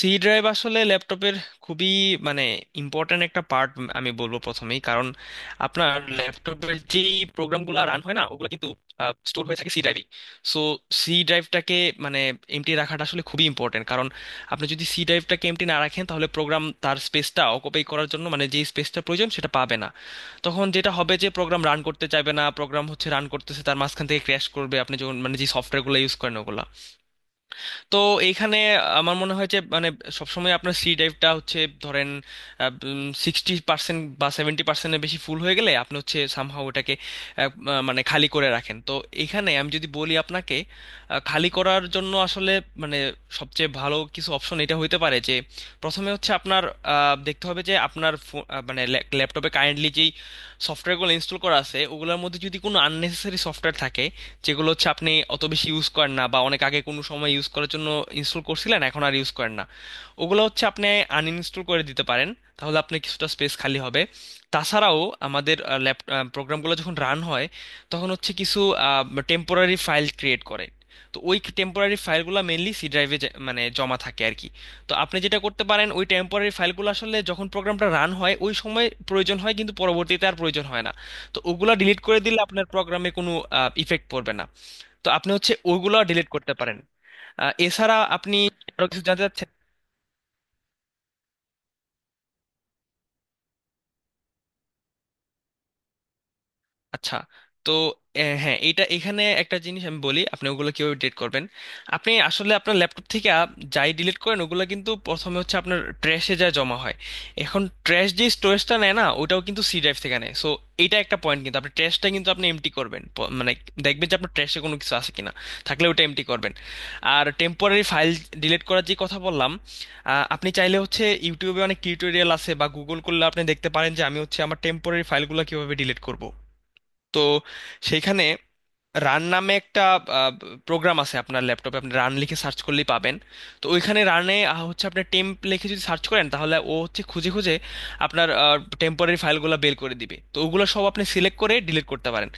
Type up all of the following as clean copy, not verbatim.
C drive আসলে ল্যাপটপের খুবই মানে ইম্পর্ট্যান্ট একটা পার্ট আমি বলবো প্রথমেই। কারণ আপনার ল্যাপটপের যেই প্রোগ্রামগুলো রান হয় না ওগুলো কিন্তু স্টোর হয়ে থাকে সি ড্রাইভে। সো সি ড্রাইভটাকে মানে এমটি রাখাটা আসলে খুবই ইম্পর্ট্যান্ট। কারণ আপনি যদি সি ড্রাইভটাকে এমটি না রাখেন তাহলে প্রোগ্রাম তার স্পেসটা অকুপাই করার জন্য মানে যেই স্পেসটা প্রয়োজন সেটা পাবে না। তখন যেটা হবে যে প্রোগ্রাম রান করতে চাইবে না, প্রোগ্রাম হচ্ছে রান করতেছে তার মাঝখান থেকে ক্র্যাশ করবে আপনি যখন মানে যে সফটওয়্যারগুলো ইউজ করেন ওগুলা। তো এইখানে আমার মনে হয় যে মানে সবসময় আপনার সি ড্রাইভটা হচ্ছে ধরেন 60% বা 70%-এর বেশি ফুল হয়ে গেলে আপনি হচ্ছে সামহাও ওটাকে আহ, আহ, মানে খালি করে রাখেন। তো এখানে আমি যদি বলি আপনাকে, খালি করার জন্য আসলে মানে সবচেয়ে ভালো কিছু অপশন এটা হইতে পারে যে প্রথমে হচ্ছে আপনার দেখতে হবে যে আপনার মানে ল্যাপটপে কারেন্টলি যেই সফটওয়্যারগুলো ইনস্টল করা আছে ওগুলোর মধ্যে যদি কোনো আননেসেসারি সফটওয়্যার থাকে, যেগুলো হচ্ছে আপনি অত বেশি ইউজ করেন না বা অনেক আগে কোনো সময় ইউজ করার জন্য ইনস্টল করছিলেন এখন আর ইউজ করেন না, ওগুলো হচ্ছে আপনি আনইনস্টল করে দিতে পারেন। তাহলে আপনার কিছুটা স্পেস খালি হবে। তাছাড়াও আমাদের ল্যাপ প্রোগ্রামগুলো যখন রান হয় তখন হচ্ছে কিছু টেম্পোরারি ফাইল ক্রিয়েট করে। তো ওই টেম্পোরারি ফাইলগুলো মেনলি সি ড্রাইভে মানে জমা থাকে আর কি। তো আপনি যেটা করতে পারেন, ওই টেম্পোরারি ফাইলগুলো আসলে যখন প্রোগ্রামটা রান হয় ওই সময় প্রয়োজন হয় কিন্তু পরবর্তীতে আর প্রয়োজন হয় না। তো ওগুলা ডিলিট করে দিলে আপনার প্রোগ্রামে কোনো ইফেক্ট পড়বে না। তো আপনি হচ্ছে ওগুলা ডিলিট করতে পারেন। এছাড়া আপনি আরো কিছু জানতে চাচ্ছেন? আচ্ছা, তো হ্যাঁ এটা এখানে একটা জিনিস আমি বলি আপনি ওগুলো কিভাবে ডিলিট করবেন। আপনি আসলে আপনার ল্যাপটপ থেকে যাই ডিলিট করেন ওগুলো কিন্তু প্রথমে হচ্ছে আপনার ট্র্যাশে যা জমা হয়। এখন ট্র্যাশ যে স্টোরেজটা নেয় না ওটাও কিন্তু সি ড্রাইভ থেকে নেয়। সো এটা একটা পয়েন্ট, কিন্তু আপনি ট্র্যাশটা কিন্তু আপনি এমটি করবেন, মানে দেখবেন যে আপনার ট্র্যাশে কোনো কিছু আছে কিনা, থাকলে ওটা এমটি করবেন। আর টেম্পোরারি ফাইল ডিলিট করার যে কথা বললাম, আপনি চাইলে হচ্ছে ইউটিউবে অনেক টিউটোরিয়াল আছে বা গুগল করলে আপনি দেখতে পারেন যে আমি হচ্ছে আমার টেম্পোরারি ফাইলগুলো কিভাবে ডিলিট করব। তো সেইখানে রান নামে একটা প্রোগ্রাম আছে আপনার ল্যাপটপে, আপনি রান লিখে সার্চ করলেই পাবেন। তো ওইখানে রানে হচ্ছে আপনি টেম্প লিখে যদি সার্চ করেন তাহলে ও হচ্ছে খুঁজে খুঁজে আপনার টেম্পোরারি ফাইলগুলো বের করে দিবে। তো ওগুলো সব আপনি সিলেক্ট করে ডিলিট করতে পারেন।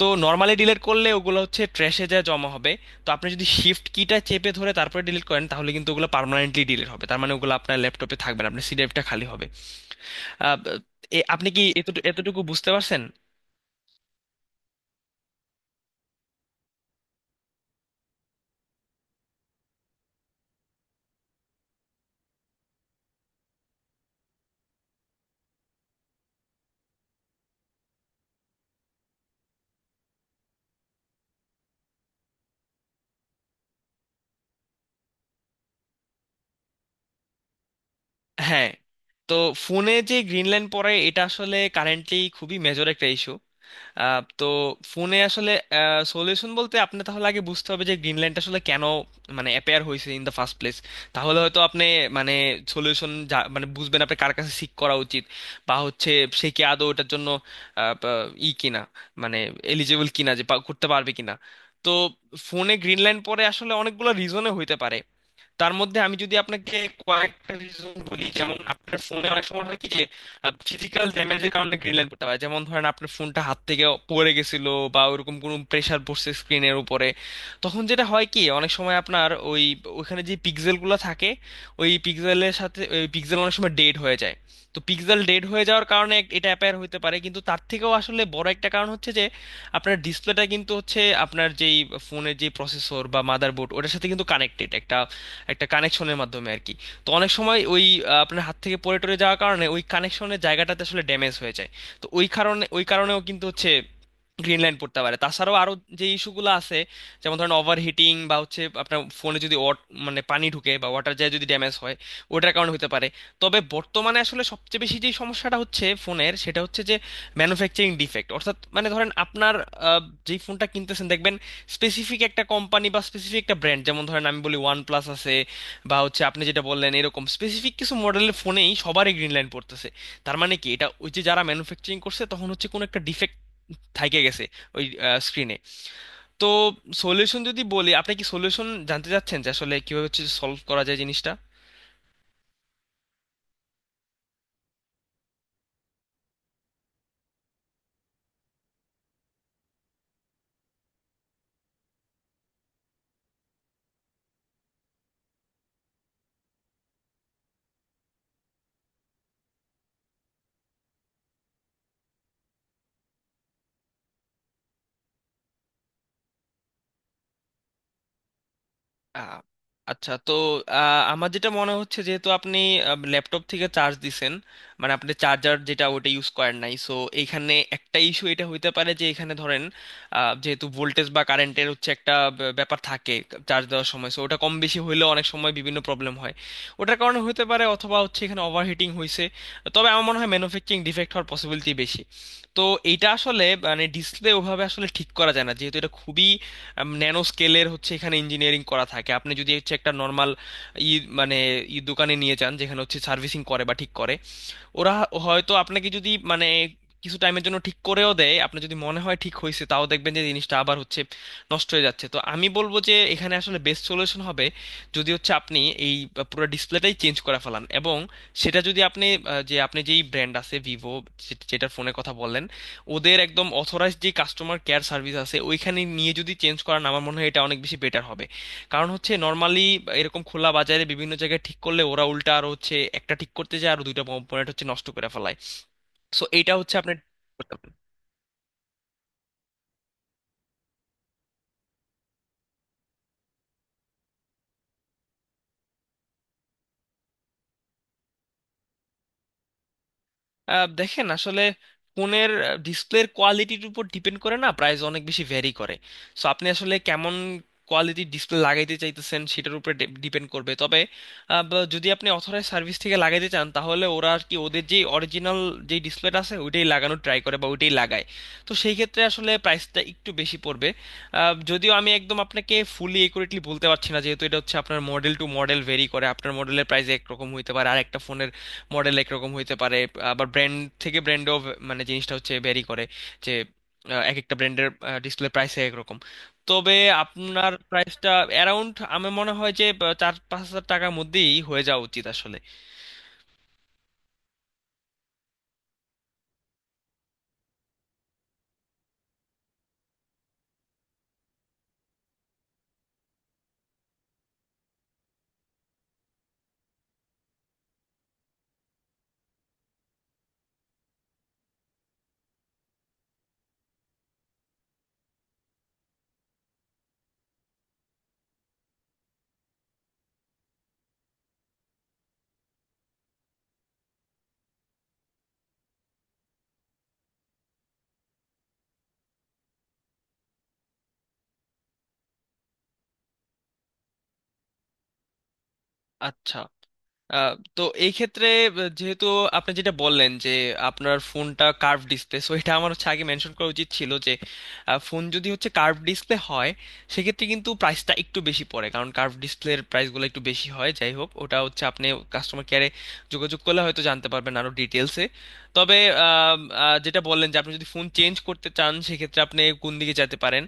তো নর্মালি ডিলিট করলে ওগুলো হচ্ছে ট্র্যাশে যায় জমা হবে। তো আপনি যদি শিফট কিটা চেপে ধরে তারপরে ডিলিট করেন তাহলে কিন্তু ওগুলো পার্মানেন্টলি ডিলিট হবে, তার মানে ওগুলো আপনার ল্যাপটপে থাকবে না, আপনার সি ড্রাইভটা খালি হবে। আহ, এ- আপনি কি এতটু- এতটুকু বুঝতে পারছেন? হ্যাঁ, তো ফোনে যে গ্রিন লাইন পড়ে এটা আসলে কারেন্টলি খুবই মেজর একটা ইস্যু। তো ফোনে আসলে সলিউশন বলতে আপনি তাহলে আগে বুঝতে হবে যে গ্রিন লাইনটা আসলে কেন মানে অ্যাপেয়ার হয়েছে ইন দ্য ফার্স্ট প্লেস। তাহলে হয়তো আপনি মানে সলিউশন মানে বুঝবেন আপনি কার কাছে সিক করা উচিত বা হচ্ছে সে কি আদৌ ওটার জন্য আহ, বা- ই কিনা, মানে এলিজেবল কিনা যে করতে পারবে কিনা। তো ফোনে গ্রিন লাইন পরে আসলে অনেকগুলো রিজনে হইতে পারে। তার মধ্যে আমি যদি আপনাকে কয়েকটা রিজন বলি, যেমন আপনার ফোনে অনেক সময় হয় কি যে ফিজিক্যাল ড্যামেজের কারণে গ্রিন লাইট পড়তে পারে। যেমন ধরেন আপনার ফোনটা হাত থেকে পড়ে গেছিল বা ওরকম কোনো প্রেসার পড়ছে স্ক্রিনের উপরে, তখন যেটা হয় কি অনেক সময় আপনার ওই ওখানে যে পিক্সেলগুলো থাকে ওই পিক্সেলের সাথে ওই পিক্সেল অনেক সময় ডেড হয়ে যায়। তো পিক্সেল ডেড হয়ে যাওয়ার কারণে এটা অ্যাপায়ার হতে পারে। কিন্তু তার থেকেও আসলে বড় একটা কারণ হচ্ছে যে আপনার ডিসপ্লেটা কিন্তু হচ্ছে আপনার যেই ফোনের যে প্রসেসর বা মাদারবোর্ড ওটার সাথে কিন্তু কানেক্টেড একটা একটা কানেকশনের মাধ্যমে আর কি। তো অনেক সময় ওই আপনার হাত থেকে পড়ে টরে যাওয়ার কারণে ওই কানেকশনের জায়গাটাতে আসলে ড্যামেজ হয়ে যায়। তো ওই কারণেও কিন্তু হচ্ছে গ্রিন লাইন পড়তে পারে। তাছাড়াও আরো যে ইস্যুগুলো আছে, যেমন ধরেন ওভারহিটিং বা হচ্ছে আপনার ফোনে যদি মানে পানি ঢুকে বা ওয়াটার যায় যদি ড্যামেজ হয়, ওটার কারণে হতে পারে। তবে বর্তমানে আসলে সবচেয়ে বেশি যে সমস্যাটা হচ্ছে ফোনের সেটা হচ্ছে যে ম্যানুফ্যাকচারিং ডিফেক্ট। অর্থাৎ মানে ধরেন আপনার আহ, যেই ফোনটা কিনতেছেন দেখবেন স্পেসিফিক একটা কোম্পানি বা স্পেসিফিক একটা ব্র্যান্ড, যেমন ধরেন আমি বলি ওয়ান প্লাস আছে বা হচ্ছে আপনি যেটা বললেন এরকম স্পেসিফিক কিছু মডেলের ফোনেই সবারই গ্রিন লাইন পড়তেছে। তার মানে কি, এটা ওই যে যারা ম্যানুফ্যাকচারিং করছে তখন হচ্ছে কোনো একটা ডিফেক্ট থাইকে গেছে ওই স্ক্রিনে। তো সলিউশন যদি বলি, আপনি কি সলিউশন জানতে চাচ্ছেন যে আসলে কিভাবে হচ্ছে সলভ করা যায় জিনিসটা? আহ, আচ্ছা, তো আমার যেটা মনে হচ্ছে, যেহেতু আপনি ল্যাপটপ থেকে চার্জ দিছেন মানে আপনি চার্জার যেটা ওটা ইউজ করেন নাই, সো এইখানে একটা ইস্যু এটা হইতে পারে যে এখানে ধরেন যেহেতু ভোল্টেজ বা কারেন্টের হচ্ছে একটা ব্যাপার থাকে চার্জ দেওয়ার সময়, সো ওটা কম বেশি হইলেও অনেক সময় বিভিন্ন প্রবলেম হয়, ওটার কারণে হতে পারে অথবা হচ্ছে এখানে ওভারহিটিং হয়েছে। তবে আমার মনে হয় ম্যানুফ্যাকচারিং ডিফেক্ট হওয়ার পসিবিলিটি বেশি। তো এইটা আসলে মানে ডিসপ্লে ওভাবে আসলে ঠিক করা যায় না, যেহেতু এটা খুবই ন্যানো স্কেলের হচ্ছে এখানে ইঞ্জিনিয়ারিং করা থাকে। আপনি যদি হচ্ছে একটা নর্মাল ই মানে ই দোকানে নিয়ে যান যেখানে হচ্ছে সার্ভিসিং করে বা ঠিক করে, ওরা হয়তো আপনাকে যদি মানে কিছু টাইমের জন্য ঠিক করেও দেয় আপনার যদি মনে হয় ঠিক হয়েছে, তাও দেখবেন যে জিনিসটা আবার হচ্ছে নষ্ট হয়ে যাচ্ছে। তো আমি বলবো যে এখানে আসলে বেস্ট সলিউশন হবে যদি হচ্ছে আপনি এই পুরো ডিসপ্লেটাই চেঞ্জ করে ফেলান। এবং সেটা যদি আপনি যে আপনি যেই ব্র্যান্ড আছে ভিভো যেটার ফোনের কথা বললেন, ওদের একদম অথরাইজড যে কাস্টমার কেয়ার সার্ভিস আছে ওইখানে নিয়ে যদি চেঞ্জ করান আমার মনে হয় এটা অনেক বেশি বেটার হবে। কারণ হচ্ছে নর্মালি এরকম খোলা বাজারে বিভিন্ন জায়গায় ঠিক করলে ওরা উল্টা আর হচ্ছে একটা ঠিক করতে যায় আর দুইটা কম্পোনেন্ট হচ্ছে নষ্ট করে ফেলায়। সো এটা হচ্ছে আপনার। দেখেন আসলে ফোনের ডিসপ্লের কোয়ালিটির উপর ডিপেন্ড করে না, প্রাইস অনেক বেশি ভ্যারি করে। সো আপনি আসলে কেমন কোয়ালিটির ডিসপ্লে লাগাইতে চাইতেছেন সেটার উপরে ডিপেন্ড করবে। তবে যদি আপনি অথরাইজ সার্ভিস থেকে লাগাইতে চান তাহলে ওরা আর কি ওদের যে অরিজিনাল যে ডিসপ্লেটা আছে ওইটাই লাগানোর ট্রাই করে বা ওইটাই লাগায়। তো সেই ক্ষেত্রে আসলে প্রাইসটা একটু বেশি পড়বে। যদিও আমি একদম আপনাকে ফুলি একুরেটলি বলতে পারছি না, যেহেতু এটা হচ্ছে আপনার মডেল টু মডেল ভেরি করে। আপনার মডেলের প্রাইস একরকম হইতে পারে আর একটা ফোনের মডেল একরকম হইতে পারে। আবার ব্র্যান্ড থেকে ব্র্যান্ডও মানে জিনিসটা হচ্ছে ভ্যারি করে যে এক একটা ব্র্যান্ডের ডিসপ্লে প্রাইস একরকম। তবে আপনার প্রাইসটা অ্যারাউন্ড আমার মনে হয় যে 4-5 হাজার টাকার মধ্যেই হয়ে যাওয়া উচিত আসলে। আচ্ছা, তো এই ক্ষেত্রে যেহেতু আপনি যেটা বললেন যে আপনার ফোনটা কার্ভ ডিসপ্লে, সো এটা আমার হচ্ছে আগে মেনশন করা উচিত ছিল যে ফোন যদি হচ্ছে কার্ভ ডিসপ্লে হয় সেক্ষেত্রে কিন্তু প্রাইসটা একটু বেশি পড়ে, কারণ কার্ভ ডিসপ্লের প্রাইসগুলো একটু বেশি হয়। যাই হোক ওটা হচ্ছে আপনি কাস্টমার কেয়ারে যোগাযোগ করলে হয়তো জানতে পারবেন আরো ডিটেলসে। তবে আম, যেটা বললেন যে আপনি যদি ফোন চেঞ্জ করতে চান সেক্ষেত্রে আপনি কোন দিকে যেতে পারেন,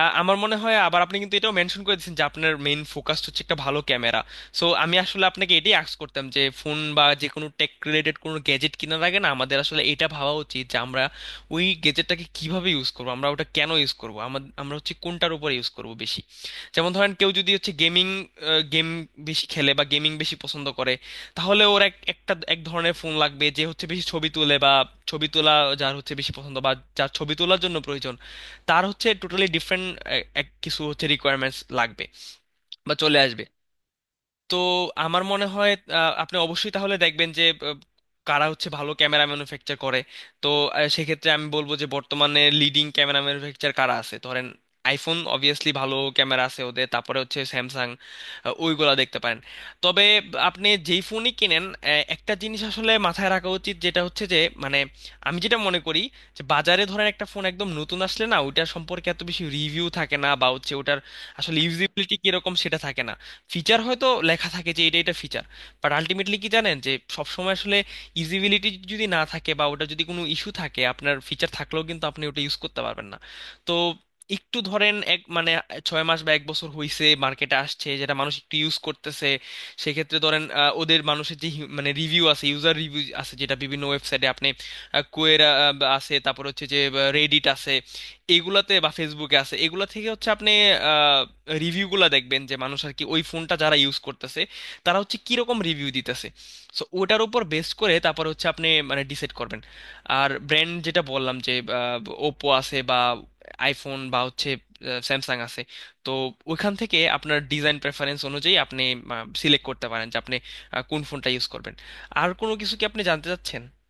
আমার মনে হয় আবার আপনি কিন্তু এটাও মেনশন করে দিয়েছেন যে আপনার মেইন ফোকাস হচ্ছে একটা ভালো ক্যামেরা। সো আমি আসলে আপনাকে এটাই আস্ক করতাম যে ফোন বা যে কোনো টেক রিলেটেড কোনো গ্যাজেট কেনার আগে না আমাদের আসলে এটা ভাবা উচিত যে আমরা ওই গ্যাজেটটাকে কিভাবে ইউজ করবো, আমরা ওটা কেন ইউজ করবো, আমরা হচ্ছে কোনটার উপরে ইউজ করবো বেশি। যেমন ধরেন কেউ যদি হচ্ছে গেম বেশি খেলে বা গেমিং বেশি পছন্দ করে তাহলে ওর এক একটা এক ধরনের ফোন লাগবে। যে হচ্ছে বেশি ছবি তোলে বা ছবি তোলা যার হচ্ছে বেশি পছন্দ বা যার ছবি তোলার জন্য প্রয়োজন, তার হচ্ছে টোটালি ডিফারেন্ট কিছু হচ্ছে রিকোয়ারমেন্টস লাগবে বা চলে আসবে। তো আমার মনে হয় আপনি অবশ্যই তাহলে দেখবেন যে কারা হচ্ছে ভালো ক্যামেরা ম্যানুফ্যাকচার করে। তো সেক্ষেত্রে আমি বলবো যে বর্তমানে লিডিং ক্যামেরা ম্যানুফ্যাকচার কারা আছে ধরেন আইফোন, অবভিয়াসলি ভালো ক্যামেরা আছে ওদের, তারপরে হচ্ছে স্যামসাং, ওইগুলা দেখতে পারেন। তবে আপনি যেই ফোনই কিনেন একটা জিনিস আসলে মাথায় রাখা উচিত, যেটা হচ্ছে যে মানে আমি যেটা মনে করি যে বাজারে ধরেন একটা ফোন একদম নতুন আসলে না ওইটা সম্পর্কে এত বেশি রিভিউ থাকে না বা হচ্ছে ওটার আসলে ইউজিবিলিটি কিরকম সেটা থাকে না। ফিচার হয়তো লেখা থাকে যে এটা এটা ফিচার, বাট আলটিমেটলি কি জানেন যে সবসময় আসলে ইউজিবিলিটি যদি না থাকে বা ওটা যদি কোনো ইস্যু থাকে আপনার ফিচার থাকলেও কিন্তু আপনি ওটা ইউজ করতে পারবেন না। তো একটু ধরেন এক মানে 6 মাস বা 1 বছর হইছে মার্কেটে আসছে যেটা মানুষ একটু ইউজ করতেছে, সেক্ষেত্রে ধরেন ওদের মানুষের যে মানে রিভিউ আছে ইউজার রিভিউ আছে যেটা বিভিন্ন ওয়েবসাইটে আপনি কোয়েরা আছে তারপর হচ্ছে যে রেডিট আছে এগুলাতে বা ফেসবুকে আছে, এগুলা থেকে হচ্ছে আপনি রিভিউগুলা দেখবেন যে মানুষ আর কি ওই ফোনটা যারা ইউজ করতেছে তারা হচ্ছে কিরকম রিভিউ দিতেছে। সো ওটার উপর বেস করে তারপর হচ্ছে আপনি মানে ডিসাইড করবেন। আর ব্র্যান্ড যেটা বললাম যে ওপো আছে বা আইফোন বা হচ্ছে স্যামসাং আছে, তো ওইখান থেকে আপনার ডিজাইন প্রেফারেন্স অনুযায়ী আপনি সিলেক্ট করতে পারেন যে আপনি কোন ফোনটা ইউজ করবেন। আর কোনো কিছু কি আপনি জানতে চাচ্ছেন?